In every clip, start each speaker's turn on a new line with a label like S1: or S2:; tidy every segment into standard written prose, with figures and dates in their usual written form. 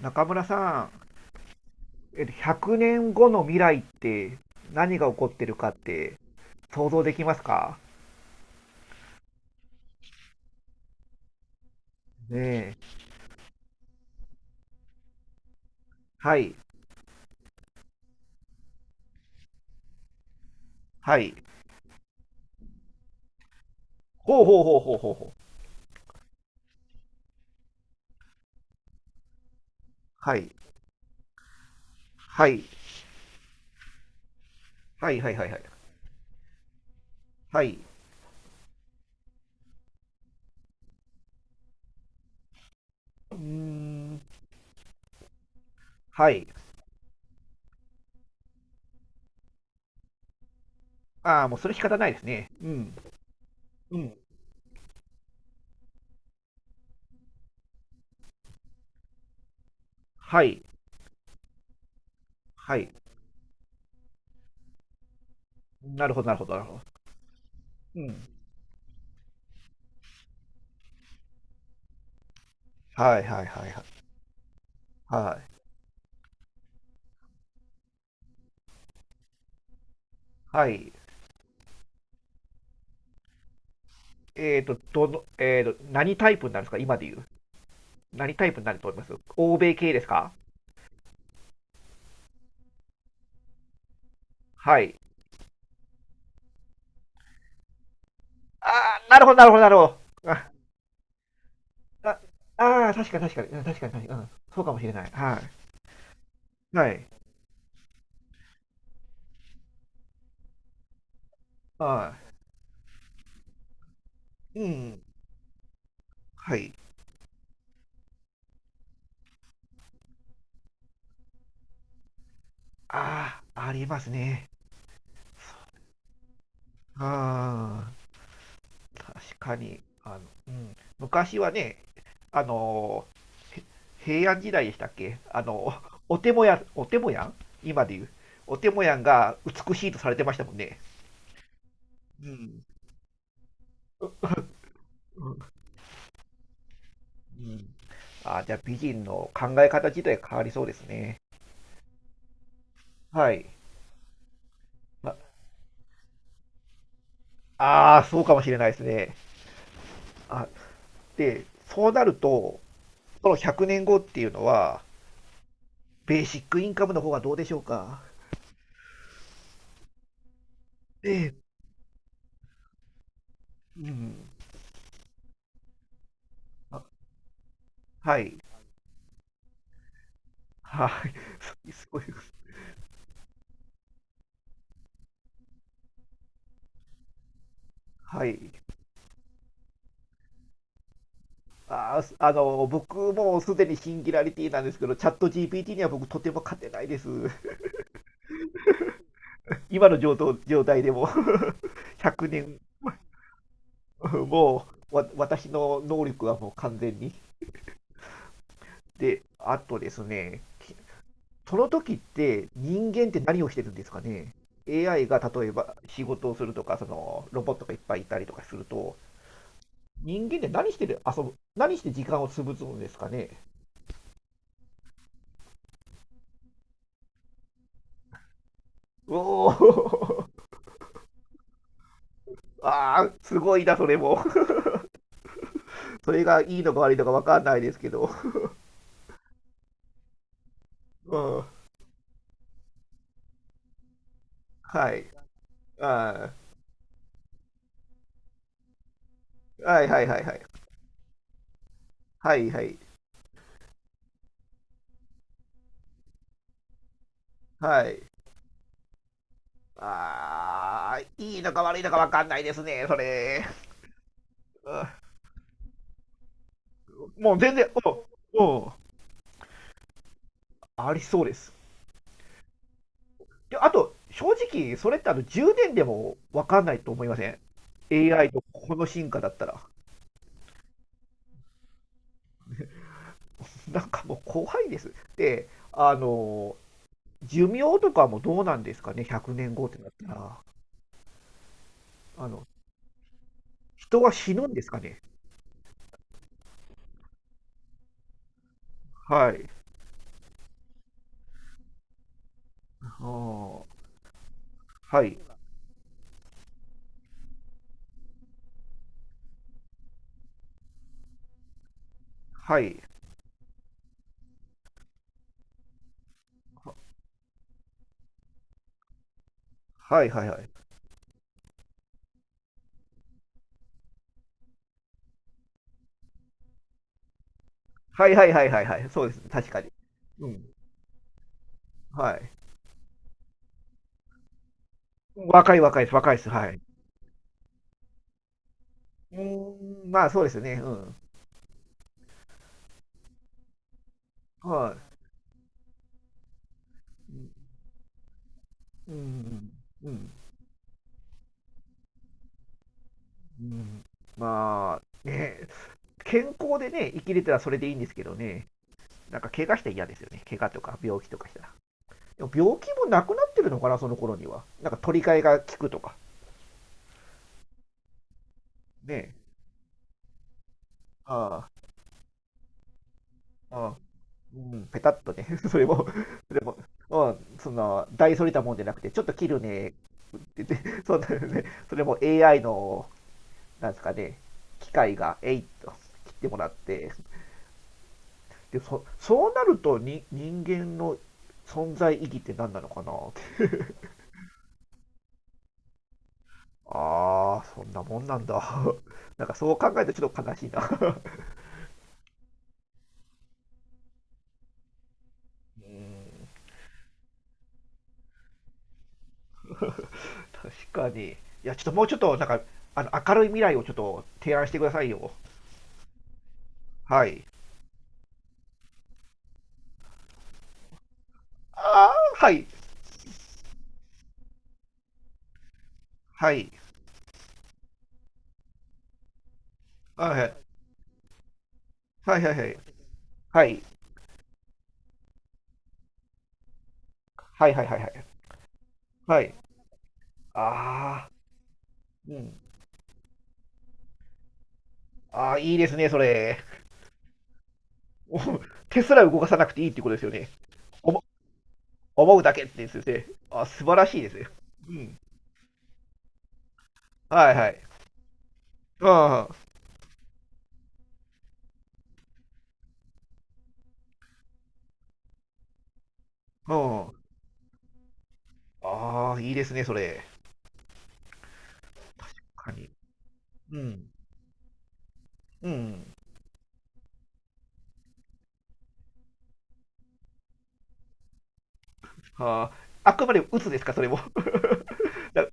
S1: 中村さん、100年後の未来って何が起こってるかって想像できますか？ねえ。はい。はい。ほうほうほうほうほうほう。はい。はい。はいはいはいはい。はい。うーん。はい。ああ、もうそれ仕方ないですね。うん。うん。はい。はい。なるほどなるほどなるほど。うん。はいはいはいはい。はい。はい。えっと、どの、えっと、何タイプになるんですか今で言う。何タイプになると思います？欧米系ですか？はい。ああ、なるほど、なるほど、なるほど。あ、あああ確かに確かに、うん確かに確かに、うん、そうかもしれない。はい。はい。はい。うん。はい。ああ、ありますね。ああ、確かに。あの、うん。昔はね、あのーへ平安時代でしたっけ、お手もやん今で言う。お手もやんが美しいとされてましたもんね。うん。うん。うん。ああ、じゃあ美人の考え方自体変わりそうですね。はい。まああ、そうかもしれないですね。あ、で、そうなると、この100年後っていうのは、ベーシックインカムの方がどうでしょうか。ええ、うん。あ、はい。はい。すごい。はい。あー、すあの、僕もすでにシンギュラリティなんですけど、チャット GPT には僕とても勝てないです。今の状態でも100年。 もう、私の能力はもう完全に。で、あとですね、その時って人間って何をしてるんですかね？ AI が例えば仕事をするとか、そのロボットがいっぱいいたりとかすると、人間って何して時間を潰すんですかね？おお。 ああ、すごいな、それも。それがいいのか悪いのかわかんないですけど。うん。はい。あはいはいはいはい。はいはい。はい。ああ、いいのか悪いのかわかんないですね、それ。うん。もう全然、おお、ありそうです。で、あと、正直、それって10年でも分かんないと思いません？ AI とこの進化だったら。なんかもう怖いです。で、寿命とかもどうなんですかね？ 100 年後ってなったら。あの、人は死ぬんですかね？はい。あーはい。はい。はいはいはい。はいはいはいはいはい。そうですね。確かに。うん。はい。若い若いです。若いです。はい。うーん、まあそうですね。うん。はい。うん。うん。うん。うん。まあ、ね、健康でね、生きれたらそれでいいんですけどね、なんか怪我したら嫌ですよね。怪我とか病気とかしたら。でも病気もなくなってるのかな、その頃には。なんか取り替えが効くとか。ね。ああ、ああ、うん、ペタッとね。それも、それも、うん、大それたもんじゃなくて、ちょっと切るねって言って、そんなね、それも AI の、なんですかね、機械が、えいっと切ってもらって、でそうなるとに人間の存在意義って何なのかなって。ああ、そんなもんなんだ。 なんかそう考えるとちょっと悲しいな。 うーん、確かに。いや、ちょっともうちょっとなんか、明るい未来をちょっと提案してくださいよ。はい。ああ、はいはい。あ、はいはいはいはいはいはいはいはいはいはい。ああ。うん。ああ、いいですね、それ。もう手すら動かさなくていいってことですよね？お、思うだけって言って、素晴らしいですよ。うん。はいはい。うん。うん。ああ、いいですね、それ。カニ。うん。うん。ああ、あくまで鬱ですか、それも。だ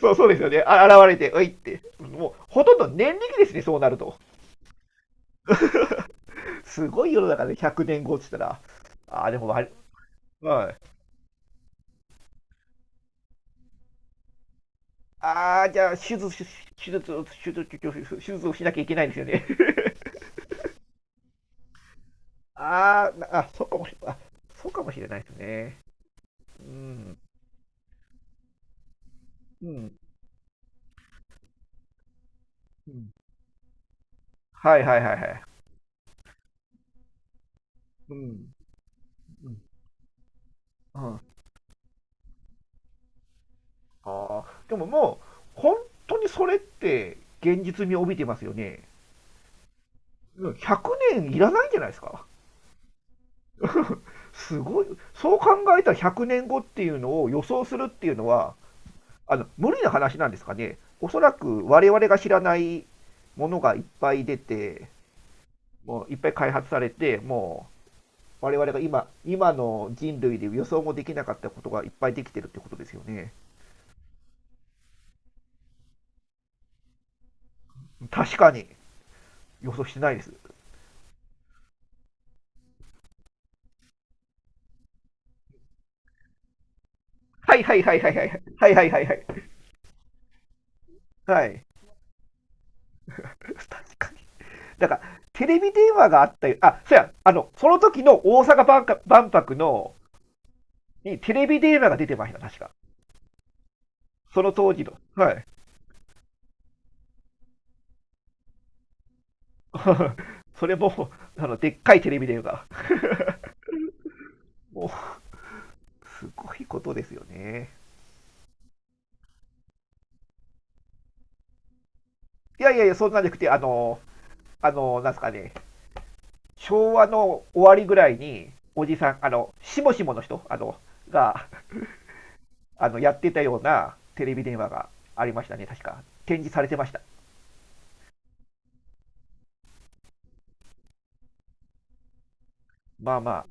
S1: そうそうですよね。あ、現れて、おいって。もう、ほとんど年力ですね、そうなると。すごい世の中で100年後って言ったら。ああ、でもわり、はい。ああ、じゃあ、手術、手術をしなきゃいけないんですよね。あーあ、そうかもしれない。そうかもしれないですね。うん。うん。うん。はいはいはいはい。うん。うん。うん、ああ。でももう、本当にそれって現実味を帯びてますよね。うん、100年いらないんじゃないですか？すごい。そう考えたら100年後っていうのを予想するっていうのは、無理な話なんですかね。おそらく我々が知らないものがいっぱい出て、もういっぱい開発されて、もう我々が今の人類で予想もできなかったことがいっぱいできてるってことですよね。確かに予想してないです。はいはいはいはいはい。はいはいはいはい。はい。だから、テレビ電話があったよ。そうや、その時の大阪万博にテレビ電話が出てました、確か。その当時の。はい。それも、でっかいテレビ電話が。もう、すごいことですよね。いやいやいや、そんなんじゃなくて、なんすかね、昭和の終わりぐらいに、おじさん、しもしもの人、が、やってたようなテレビ電話がありましたね、確か。展示されてました。まあまあ、